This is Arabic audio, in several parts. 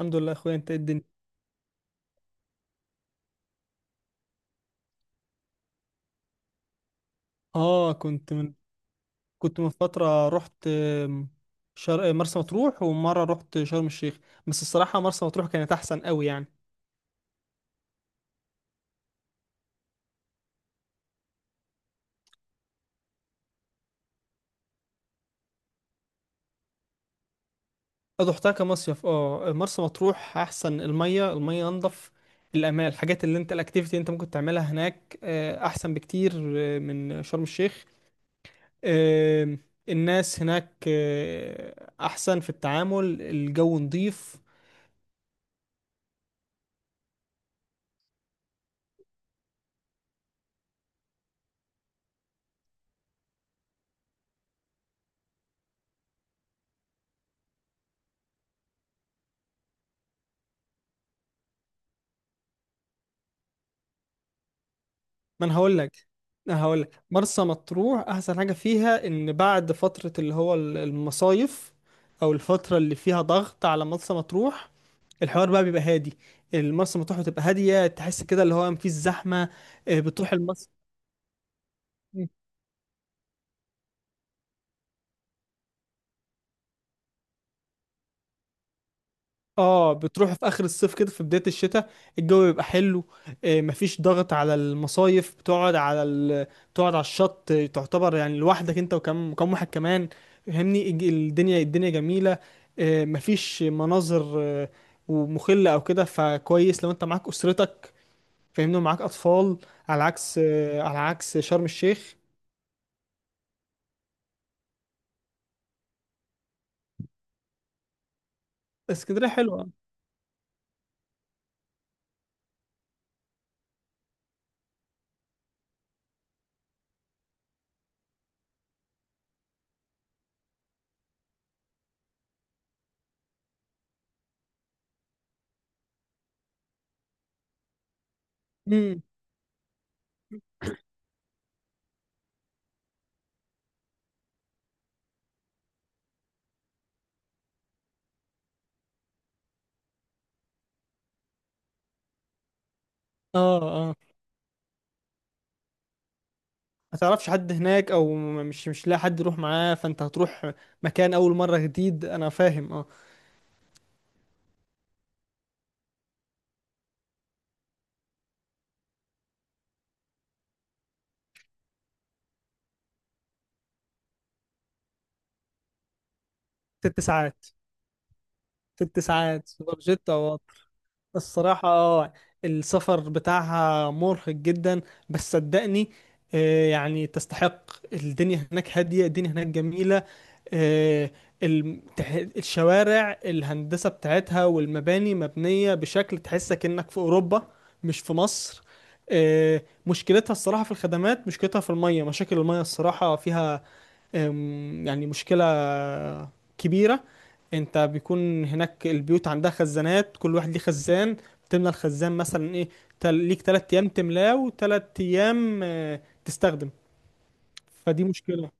الحمد لله يا اخويا، انت إيه الدنيا؟ اه، كنت من فتره. رحت مرسى مطروح، ومره رحت شرم الشيخ. بس الصراحه مرسى مطروح كانت احسن قوي يعني. رحتها كمصيف. اه، مرسى مطروح احسن. الميه انضف. الامان، الحاجات اللي انت الاكتيفيتي اللي انت ممكن تعملها هناك احسن بكتير من شرم الشيخ. آم، الناس هناك احسن في التعامل، الجو نظيف. ما انا هقول لك، مرسى مطروح احسن حاجه فيها ان بعد فتره اللي هو المصايف، او الفتره اللي فيها ضغط على مرسى مطروح، الحوار بقى بيبقى هادي. المرسى مطروح بتبقى هاديه، تحس كده اللي هو مفيش زحمه. بتروح المصيف. اه، بتروح في اخر الصيف كده، في بداية الشتاء، الجو بيبقى حلو. مفيش ضغط على المصايف. بتقعد على بتقعد على الشط، تعتبر يعني لوحدك، انت وكم كم واحد كمان، فاهمني. الدنيا جميلة. مفيش مناظر ومخلة او كده، فكويس لو انت معاك اسرتك، فاهمني، ومعاك اطفال، على عكس شرم الشيخ. اسكندرية حلوة. امم. اه، ما تعرفش حد هناك، او مش لاقي حد يروح معاه، فانت هتروح مكان اول مره جديد، انا فاهم، اه. 6 ساعات، 6 ساعات سوبر جيت، او الصراحة. اه، السفر بتاعها مرهق جدا، بس صدقني. يعني تستحق. الدنيا هناك هادية، الدنيا هناك جميلة. آه، الشوارع، الهندسة بتاعتها والمباني مبنية بشكل تحسك انك في اوروبا، مش في مصر. آه، مشكلتها الصراحة في الخدمات، مشكلتها في المية. مشاكل المية الصراحة فيها، يعني مشكلة كبيرة. انت بيكون هناك البيوت عندها خزانات، كل واحد ليه خزان. تملى الخزان مثلا، ايه، ليك 3 ايام تملاه، وتلات ايام تستخدم. فدي مشكلة.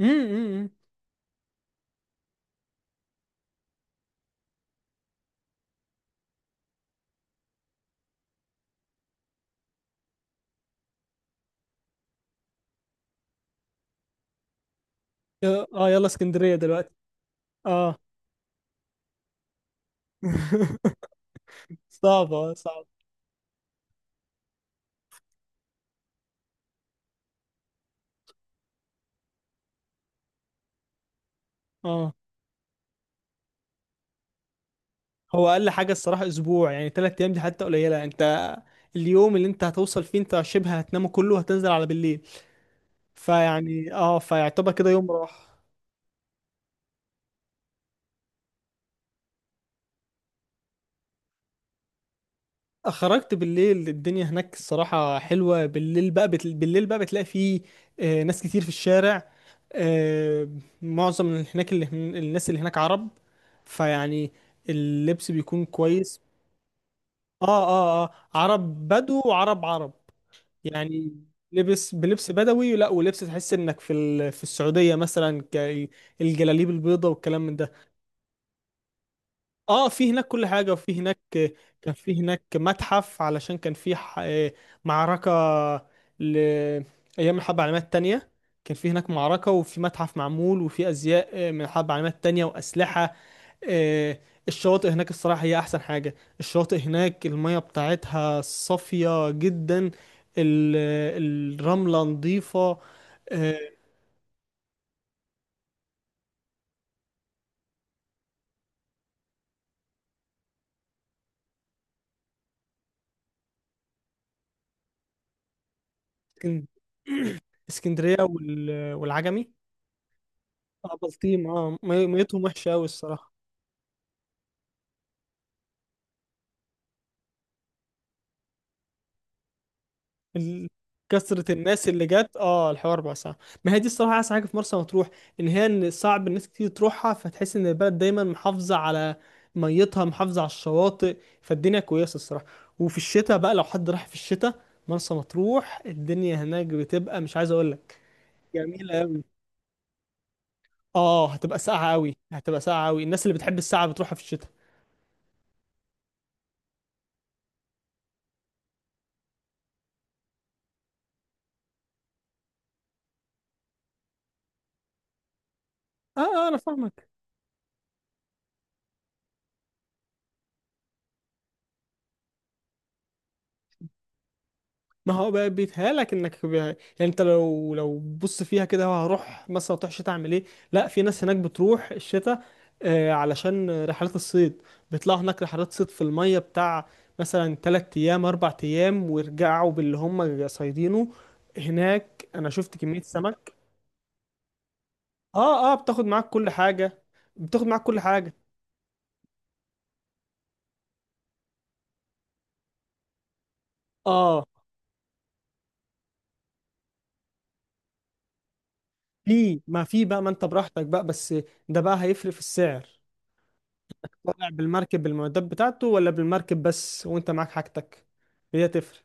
امم. اه، يلا اسكندرية دلوقتي. اه. صعبة، صعبة. اه. هو اقل حاجة الصراحة اسبوع، يعني 3 ايام دي حتى قليلة. انت اليوم اللي انت هتوصل فيه انت شبه هتنامه كله، هتنزل على بالليل، فيعني اه، فيعتبر كده يوم راح. خرجت بالليل، الدنيا هناك الصراحة حلوة بالليل بقى. بالليل بقى بتلاقي فيه ناس كتير في الشارع. آه، معظم اللي هناك، الناس اللي هناك عرب، فيعني اللبس بيكون كويس. اه، اه، اه، عرب بدو، وعرب عرب يعني. لبس بلبس بدوي، لا، ولبس تحس انك في في السعودية مثلا، الجلاليب البيضاء والكلام من ده. اه، في هناك كل حاجة، وفي هناك كان في هناك متحف، علشان كان في معركة ل أيام الحرب العالمية التانية. كان في هناك معركة، وفي متحف معمول، وفي أزياء من الحرب العالمية التانية وأسلحة. آه، الشواطئ هناك الصراحة هي أحسن حاجة. الشواطئ هناك المية بتاعتها صافية جدا. ال- الرملة نظيفة. آه، اسكن- اسكندرية والعجمي. بلطيم، اه، ميتهم وحشة أوي الصراحة. ال- كثرة الناس اللي جت، اه، الحوار بقى صعب. ما هي دي الصراحة أحسن حاجة في مرسى مطروح، إن صعب الناس كتير تروحها، فتحس إن البلد دايما محافظة على ميتها، محافظة على الشواطئ، فالدنيا كويسة الصراحة. وفي الشتاء بقى، لو حد راح في الشتاء، مرسى مطروح الدنيا هناك بتبقى مش عايز أقول لك، جميلة أوي. اه، هتبقى ساقعة أوي، هتبقى ساقعة أوي. الناس اللي بتحب الساقعة بتروحها في الشتاء. اه. أنا فاهمك. ما هو بقى بيتهيألك انك يعني انت لو بص فيها كده، هو هروح مثلا تروح شتاء، اعمل ايه؟ لا، في ناس هناك بتروح الشتاء، علشان رحلات الصيد. بيطلعوا هناك رحلات صيد في المية بتاع، مثلا 3 ايام، 4 ايام، ويرجعوا باللي هم صايدينه. هناك انا شفت كمية سمك. اه، اه، بتاخد معاك كل حاجة، بتاخد معاك كل حاجة. اه، في، ما في بقى. ما انت براحتك بقى. بس ده بقى هيفرق في السعر: طالع بالمركب بالمعدات بتاعته، ولا بالمركب بس وانت معاك حاجتك، هي تفرق.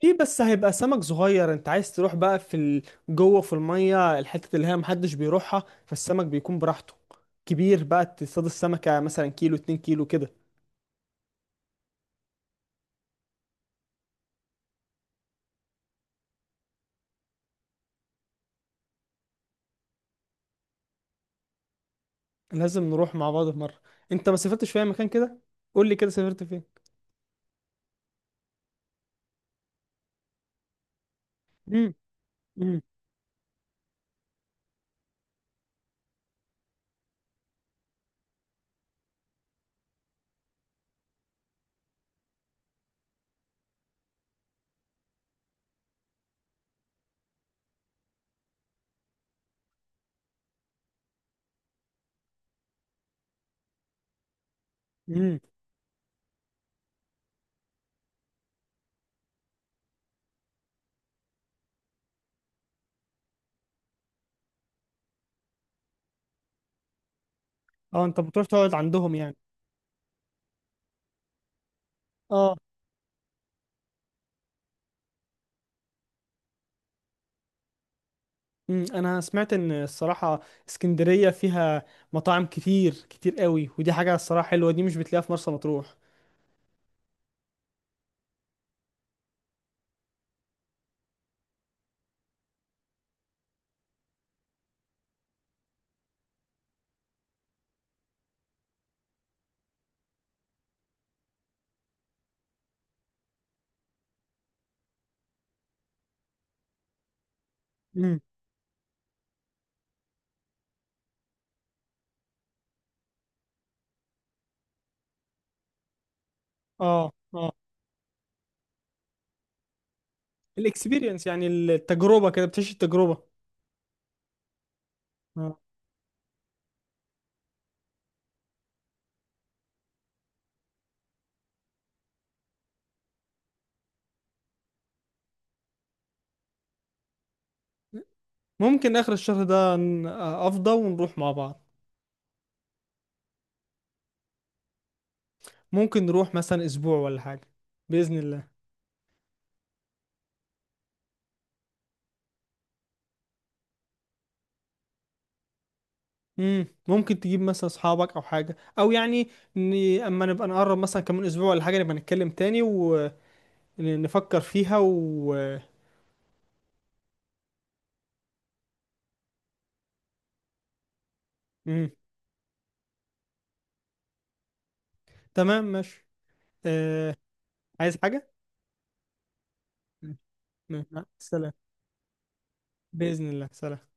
في، بس هيبقى سمك صغير. انت عايز تروح بقى في جوه في الميه، الحته اللي هي محدش بيروحها، فالسمك بيكون براحته كبير بقى. تصطاد السمكه مثلا كيلو، 2 كيلو كده. لازم نروح مع بعض في مره. انت ما سافرتش في اي مكان كده؟ قول لي كده، سافرت فين؟ امم، امم، امم. اه، انت بتروح تقعد عندهم يعني؟ اه. انا سمعت ان الصراحه اسكندريه فيها مطاعم كتير كتير قوي، ودي حاجه الصراحه حلوه، دي مش بتلاقيها في مرسى مطروح. امم. اه، اه، الاكسبيرينس، يعني التجربه كده، بتعيش التجربه. آه. ممكن اخر الشهر ده، افضى ونروح مع بعض. ممكن نروح مثلا اسبوع ولا حاجه، باذن الله. مم. ممكن تجيب مثلا اصحابك او حاجه، او يعني، ن... اما نبقى نقرب مثلا كمان اسبوع ولا حاجه، نبقى نتكلم تاني ونفكر فيها و... مم. تمام، ماشي. آه، عايز حاجة؟ سلام. بإذن الله، سلام.